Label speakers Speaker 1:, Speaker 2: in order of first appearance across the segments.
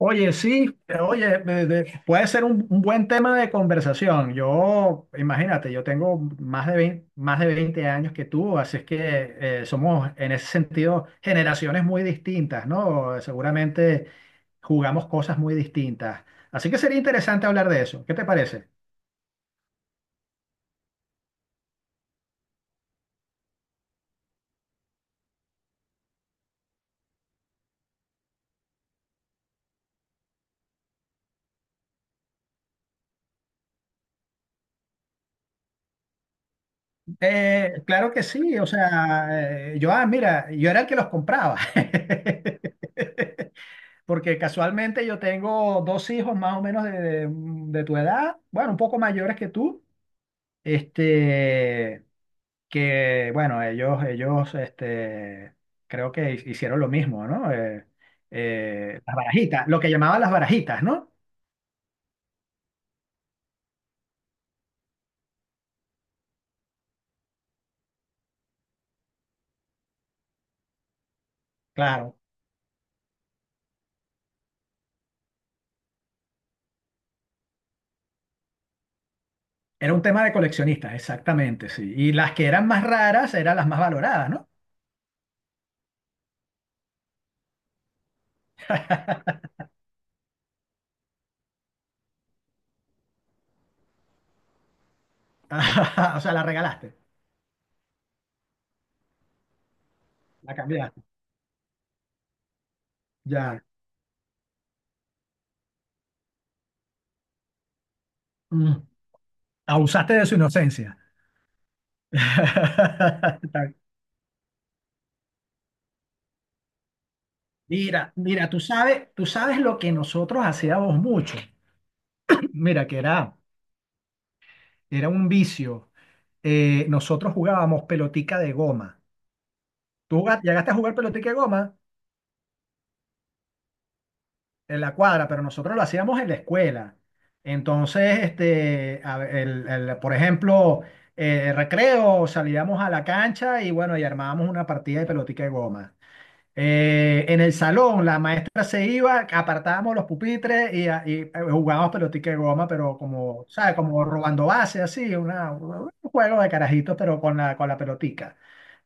Speaker 1: Oye, sí, oye, puede ser un buen tema de conversación. Yo, imagínate, yo tengo más de 20 años que tú, así es que somos en ese sentido generaciones muy distintas, ¿no? Seguramente jugamos cosas muy distintas. Así que sería interesante hablar de eso. ¿Qué te parece? Claro que sí, o sea, ah, mira, yo era el que los compraba. Porque casualmente yo tengo dos hijos más o menos de tu edad, bueno, un poco mayores que tú, este, que bueno, ellos, creo que hicieron lo mismo, ¿no? Las barajitas, lo que llamaban las barajitas, ¿no? Claro, era un tema de coleccionistas, exactamente, sí. Y las que eran más raras eran las más valoradas, ¿no? O sea, la regalaste, la cambiaste, ya. Mm. Abusaste de su inocencia. Mira, mira, tú sabes lo que nosotros hacíamos mucho. Mira, que era un vicio. Nosotros jugábamos pelotica de goma. Llegaste a jugar pelotica de goma en la cuadra, pero nosotros lo hacíamos en la escuela. Entonces, a ver, por ejemplo, recreo, salíamos a la cancha y bueno, y armábamos una partida de pelotica de goma. En el salón, la maestra se iba, apartábamos los pupitres y jugábamos pelotica de goma, pero como, ¿sabes? Como robando base, así, un juego de carajitos, pero con la pelotica.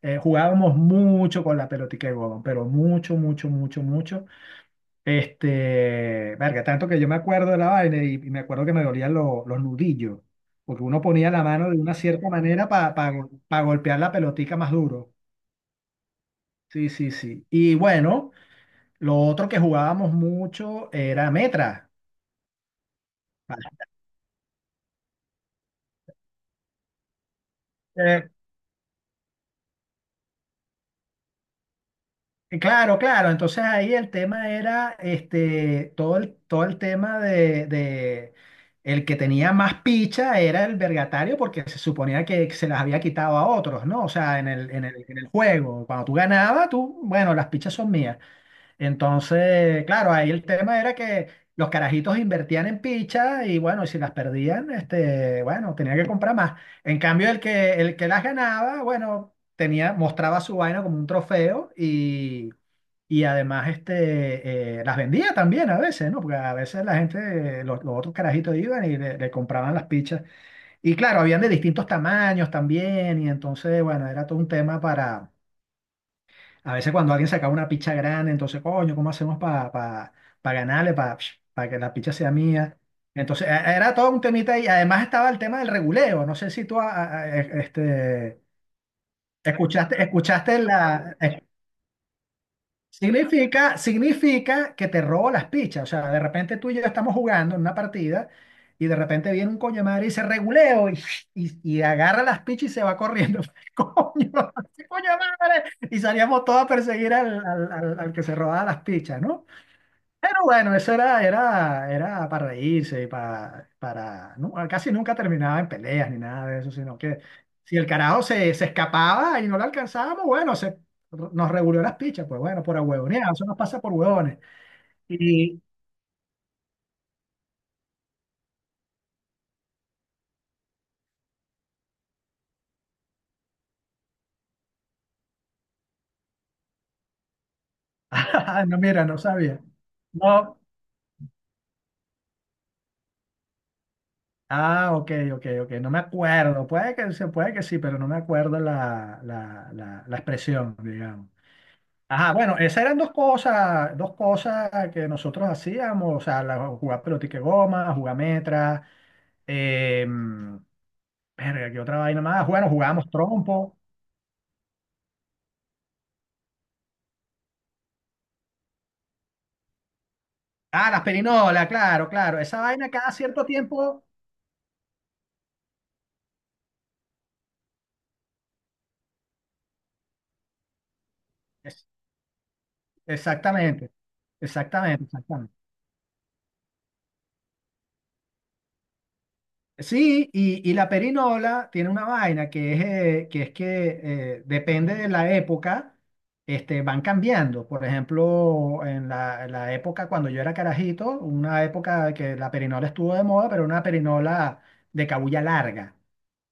Speaker 1: Jugábamos mucho con la pelotica de goma, pero mucho, mucho, mucho, mucho. Verga, tanto que yo me acuerdo de la vaina y me acuerdo que me dolían los nudillos, porque uno ponía la mano de una cierta manera para golpear la pelotica más duro. Sí, sí, sí. Y bueno. Lo otro que jugábamos mucho era Metra. ¿Vale? Claro, claro. Entonces ahí el tema era todo el tema el que tenía más picha era el vergatario porque se suponía que se las había quitado a otros, ¿no? O sea, en el juego. Cuando tú ganabas, tú, bueno, las pichas son mías. Entonces, claro, ahí el tema era que los carajitos invertían en pichas y bueno, y si las perdían, bueno, tenía que comprar más. En cambio, el que las ganaba, bueno, tenía, mostraba su vaina como un trofeo y además las vendía también a veces, ¿no? Porque a veces la gente, los otros carajitos iban y le compraban las pichas. Y claro, habían de distintos tamaños también y entonces, bueno, era todo un tema a veces cuando alguien sacaba una picha grande, entonces, coño, ¿cómo hacemos para ganarle, para que la picha sea mía? Entonces, era todo un temita y además estaba el tema del reguleo. No sé si tú escuchaste, significa que te robo las pichas. O sea, de repente tú y yo estamos jugando en una partida y de repente viene un coño de madre y dice reguleo y agarra las pichas y se va corriendo. Coño, ese coño de madre. Y salíamos todos a perseguir al que se robaba las pichas, ¿no? Pero bueno, eso era para reírse, casi nunca terminaba en peleas ni nada de eso, sino que si el carajo se escapaba y no lo alcanzábamos, bueno, nos reguló las pichas, pues bueno, por huevonear, eso nos pasa por huevones. Y, ah, no, mira, no sabía. No, ah, ok, ok, ok, no me acuerdo, se puede que sí, pero no me acuerdo la expresión, digamos. Ajá, bueno, esas eran dos cosas que nosotros hacíamos, o sea, jugar pelotique goma, jugar metra, eh, verga, ¿qué otra vaina más? Bueno, jugábamos trompo. Ah, las perinolas, claro, claro. Esa vaina cada cierto tiempo. es- exactamente, exactamente, exactamente. Sí, y la perinola tiene una vaina que es que depende de la época, van cambiando. Por ejemplo, en la época cuando yo era carajito, una época que la perinola estuvo de moda, pero una perinola de cabuya larga.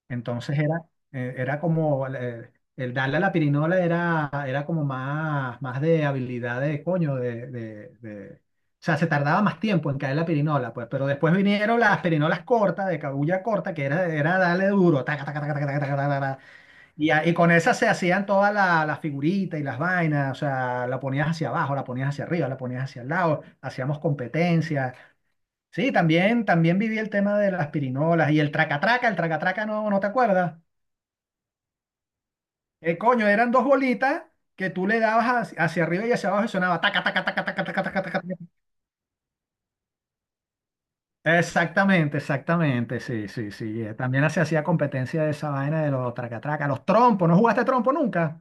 Speaker 1: Entonces era como el darle a la pirinola era como más, más de habilidad de coño, O sea, se tardaba más tiempo en caer la pirinola, pues, pero después vinieron las pirinolas cortas, de cabulla corta, que era darle duro, taca, taca, taca, taca, taca, taca, taca, taca. Y con esas se hacían todas las figuritas y las vainas, o sea, la ponías hacia abajo, la ponías hacia arriba, la ponías hacia el lado, hacíamos competencias. Sí, también, también viví el tema de las pirinolas y el tracatraca no, ¿no te acuerdas? Coño, eran dos bolitas que tú le dabas hacia arriba y hacia abajo y sonaba taca, taca, taca, taca, taca, taca, taca, taca. Exactamente, exactamente, sí, sí, sí. También se hacía competencia de esa vaina de los tracatracas, los trompos, ¿no jugaste trompo nunca?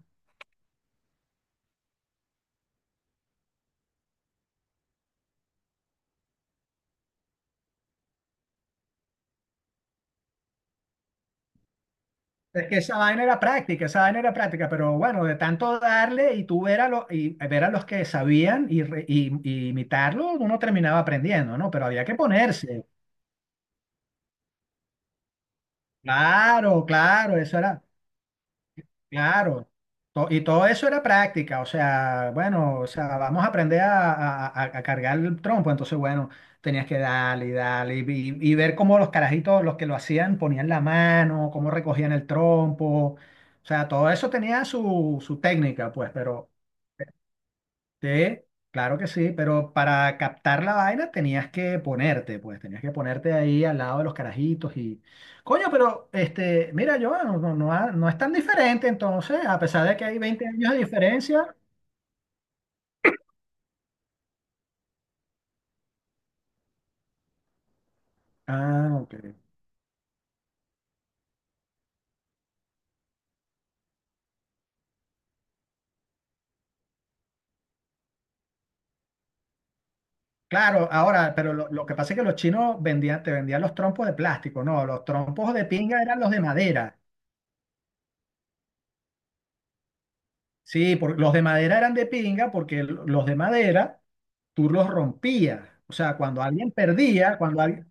Speaker 1: Es que esa vaina era práctica, esa vaina era práctica, pero bueno, de tanto darle y tú ver a los que sabían y imitarlo, uno terminaba aprendiendo, ¿no? Pero había que ponerse. Claro, claro, eso era. Claro, y todo eso era práctica, o sea, bueno, o sea, vamos a aprender a cargar el trompo, entonces, bueno, tenías que darle y darle y ver cómo los carajitos, los que lo hacían, ponían la mano, cómo recogían el trompo, o sea, todo eso tenía su técnica, pues, pero sí, claro que sí, pero para captar la vaina tenías que ponerte, pues tenías que ponerte ahí al lado de los carajitos. Coño, pero mira, yo no es tan diferente entonces, a pesar de que hay 20 años de diferencia. Ah, ok. Claro, ahora, pero lo que pasa es que los chinos te vendían los trompos de plástico, no, los trompos de pinga eran los de madera. Sí, los de madera eran de pinga porque los de madera tú los rompías. O sea, cuando alguien perdía.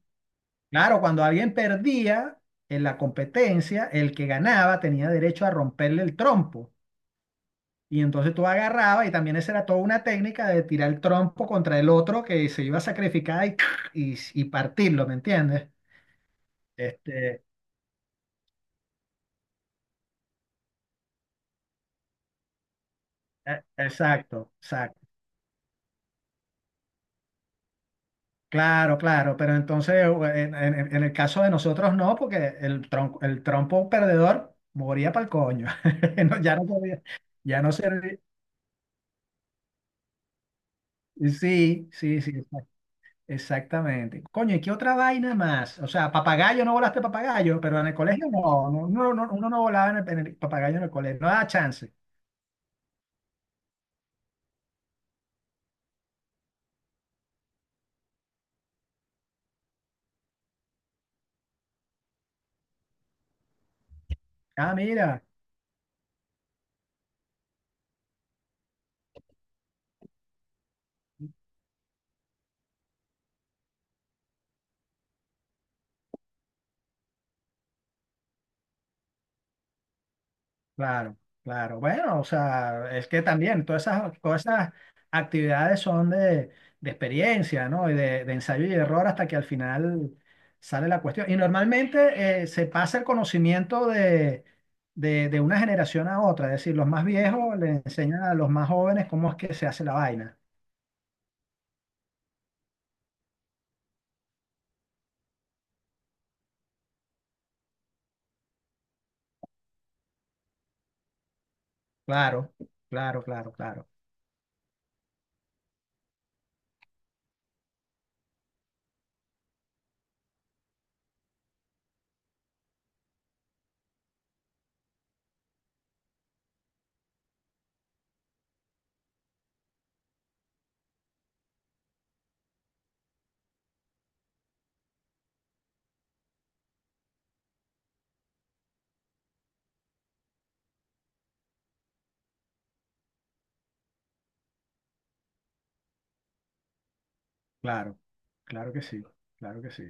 Speaker 1: Claro, cuando alguien perdía en la competencia, el que ganaba tenía derecho a romperle el trompo. Y entonces tú agarrabas, y también esa era toda una técnica de tirar el trompo contra el otro que se iba a sacrificar y partirlo, ¿me entiendes? Este, exacto, exacto. Claro, claro, pero entonces en el caso de nosotros no, porque el trompo perdedor moría para el coño. No, ya no servía, ya no servía. Sí, sí, sí. Exactamente. Coño, ¿y qué otra vaina más? O sea, papagayo, no volaste papagayo, pero en el colegio no, no, no, no, uno no volaba en el papagayo en el colegio, no daba chance. Ah, mira, claro, claro. Bueno, o sea, es que también todas esas actividades son de experiencia, ¿no? Y de ensayo y error hasta que al final sale la cuestión. Y normalmente se pasa el conocimiento de una generación a otra, es decir, los más viejos le enseñan a los más jóvenes cómo es que se hace la vaina. Claro, claro, claro, claro, claro, claro que sí, claro que sí.